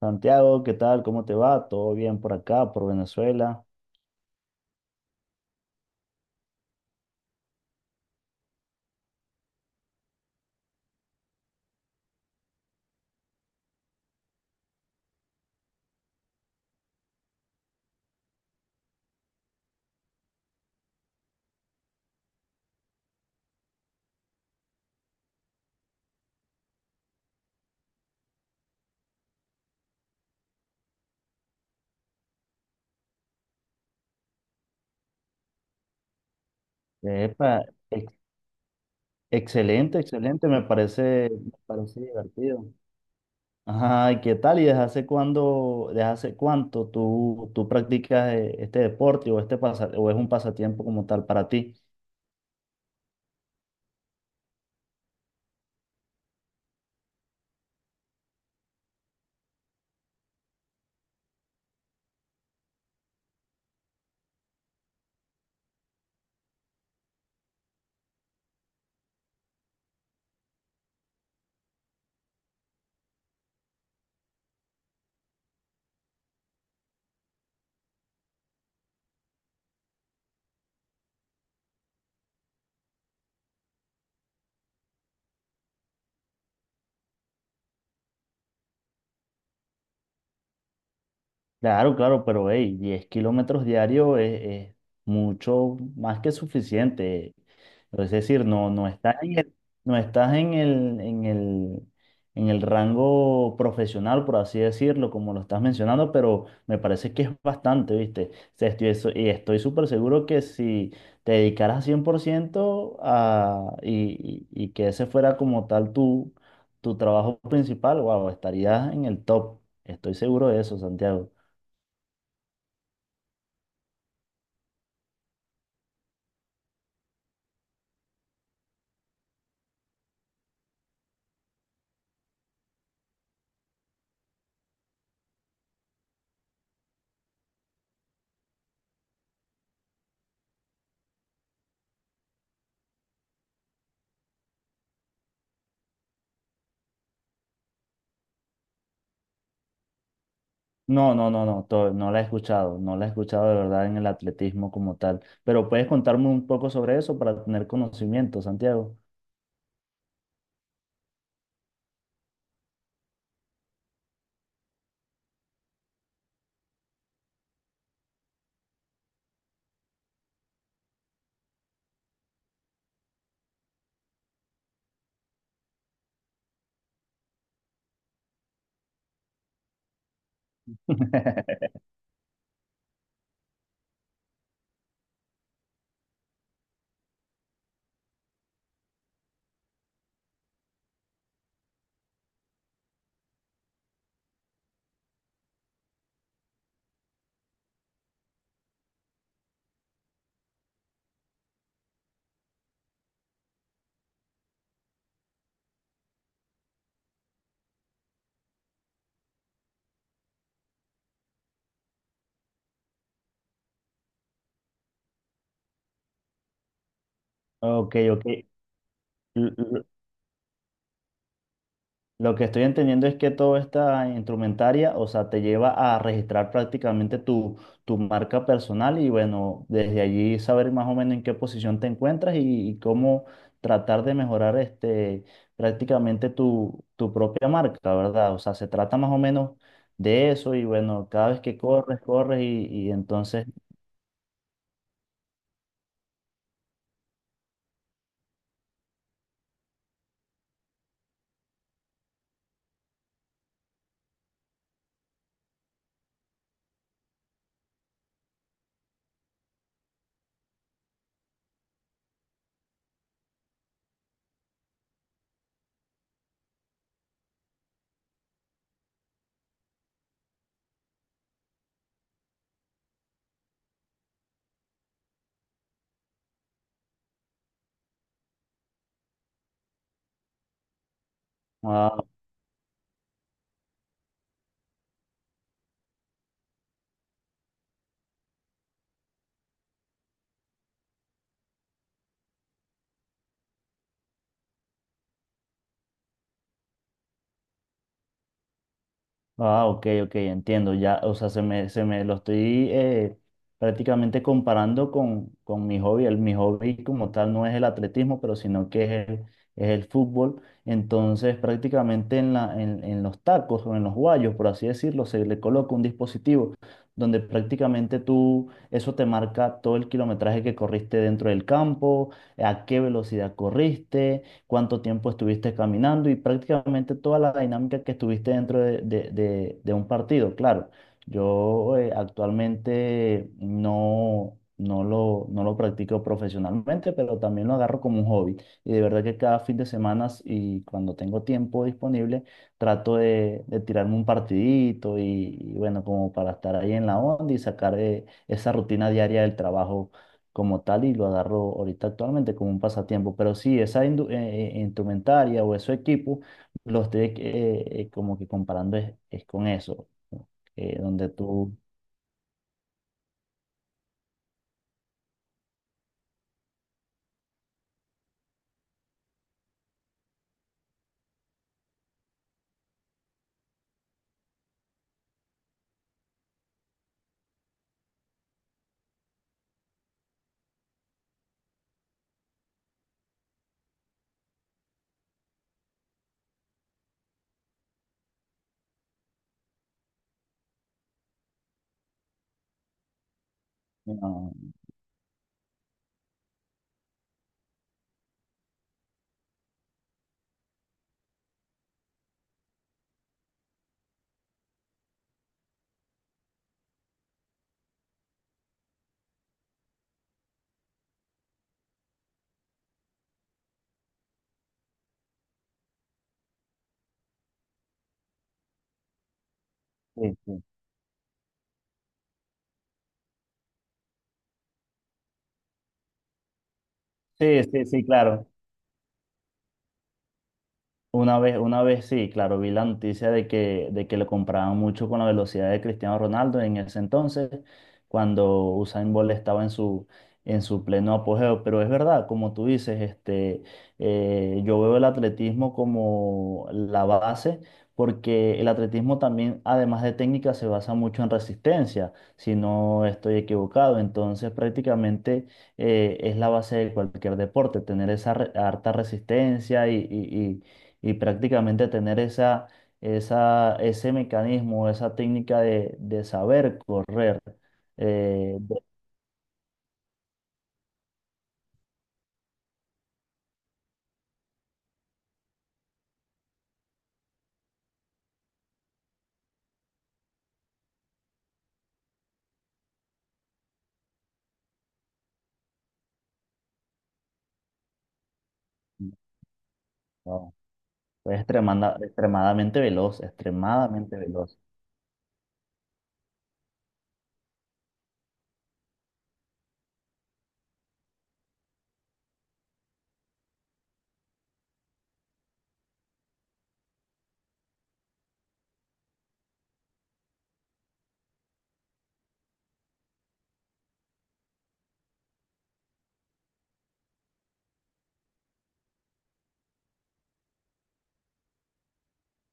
Santiago, ¿qué tal? ¿Cómo te va? ¿Todo bien por acá, por Venezuela? Epa, ex- excelente, excelente, me parece divertido. Ajá, ¿y qué tal? ¿Y desde hace cuándo, desde hace cuánto tú practicas este deporte o este o es un pasatiempo como tal para ti? Claro, claro, pero hey, 10 kilómetros diarios es mucho más que suficiente. Es decir, no estás en no estás en en el rango profesional, por así decirlo, como lo estás mencionando, pero me parece que es bastante, ¿viste? O sea, estoy, eso- y estoy súper seguro que si te dedicaras 100% a, y que ese fuera como tal tu trabajo principal, wow, estarías en el top. Estoy seguro de eso, Santiago. No, no, no, no. No la he escuchado, no la he escuchado de verdad en el atletismo como tal, pero puedes contarme un poco sobre eso para tener conocimiento, Santiago. Ok, ok. L- l- Lo que estoy entendiendo es que toda esta instrumentaria, o sea, te lleva a registrar prácticamente tu marca personal y bueno, desde allí saber más o menos en qué posición te encuentras y cómo tratar de mejorar este, prácticamente tu propia marca, ¿verdad? O sea, se trata más o menos de eso y bueno, cada vez que corres, corres y entonces ah. Ah, ok, ok, entiendo. Ya, o sea, se me lo estoy prácticamente comparando con mi hobby. El, mi hobby como tal no es el atletismo, pero sino que es el fútbol. Entonces, prácticamente en en los tacos o en los guayos, por así decirlo, se le coloca un dispositivo donde prácticamente tú, eso te marca todo el kilometraje que corriste dentro del campo, a qué velocidad corriste, cuánto tiempo estuviste caminando y prácticamente toda la dinámica que estuviste dentro de, de un partido. Claro, yo actualmente no lo practico profesionalmente, pero también lo agarro como un hobby. Y de verdad que cada fin de semana y cuando tengo tiempo disponible, trato de tirarme un partidito y bueno, como para estar ahí en la onda y sacar esa rutina diaria del trabajo como tal y lo agarro ahorita actualmente como un pasatiempo. Pero sí, esa instrumentaria o esos equipo los estoy como que comparando es con eso, ¿no? Donde tú... No, sí, sí, sí, sí, sí, claro. Una vez sí, claro, vi la noticia de que lo comparaban mucho con la velocidad de Cristiano Ronaldo en ese entonces, cuando Usain Bolt estaba en su pleno apogeo. Pero es verdad, como tú dices, este, yo veo el atletismo como la base, porque el atletismo también, además de técnica, se basa mucho en resistencia, si no estoy equivocado. Entonces, prácticamente es la base de cualquier deporte, tener esa harta resistencia y prácticamente tener ese mecanismo, esa técnica de saber correr. eh, de- no, es extremadamente veloz, extremadamente veloz.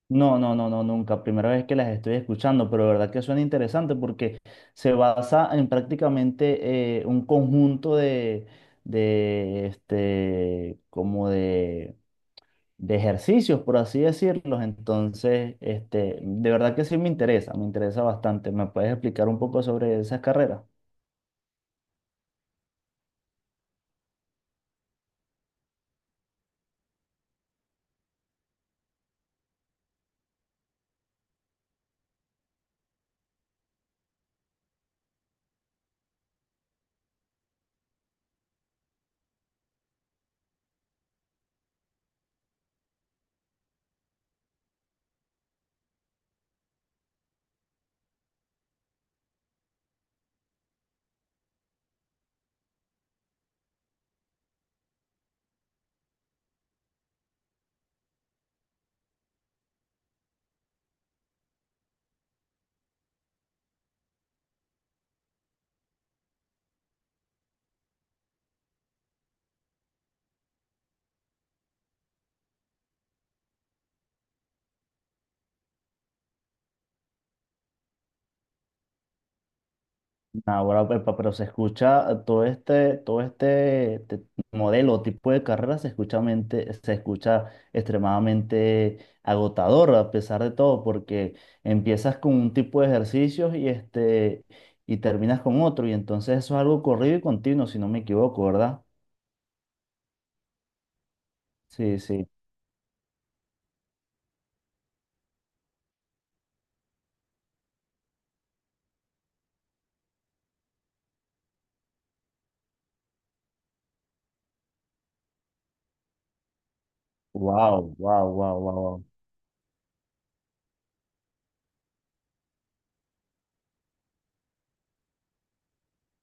No, no, no, no, nunca. Primera vez que las estoy escuchando, pero de verdad que suena interesante porque se basa en prácticamente un conjunto de, este, como de ejercicios, por así decirlos. Entonces, este, de verdad que sí me interesa bastante. ¿Me puedes explicar un poco sobre esas carreras? Ahora, pepa, pero se escucha todo este, todo modelo, tipo de carrera, se escucha, se escucha extremadamente agotador a pesar de todo, porque empiezas con un tipo de ejercicios y este... Y terminas con otro, y entonces eso es algo corrido y continuo, si no me equivoco, ¿verdad? Sí, sí. Wow, wow, wow, wow.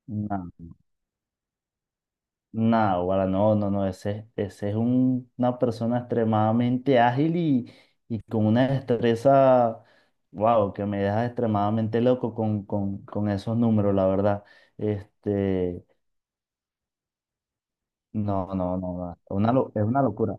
No, no, guara, no, no, no, ese, una persona extremadamente ágil y con una destreza, wow, que me deja extremadamente loco con esos números, la verdad. Este, no, no, no, no, una, es una locura.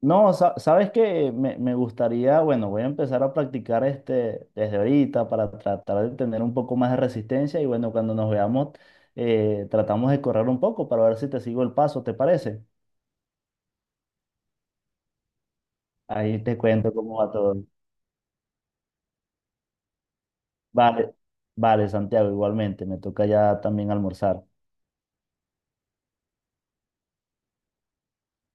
No, sabes que me gustaría, bueno, voy a empezar a practicar este desde ahorita para tratar de tener un poco más de resistencia y bueno, cuando nos veamos, tratamos de correr un poco para ver si te sigo el paso, ¿te parece? Ahí te cuento cómo va todo. Vale, vale, Santiago, igualmente, me toca ya también almorzar.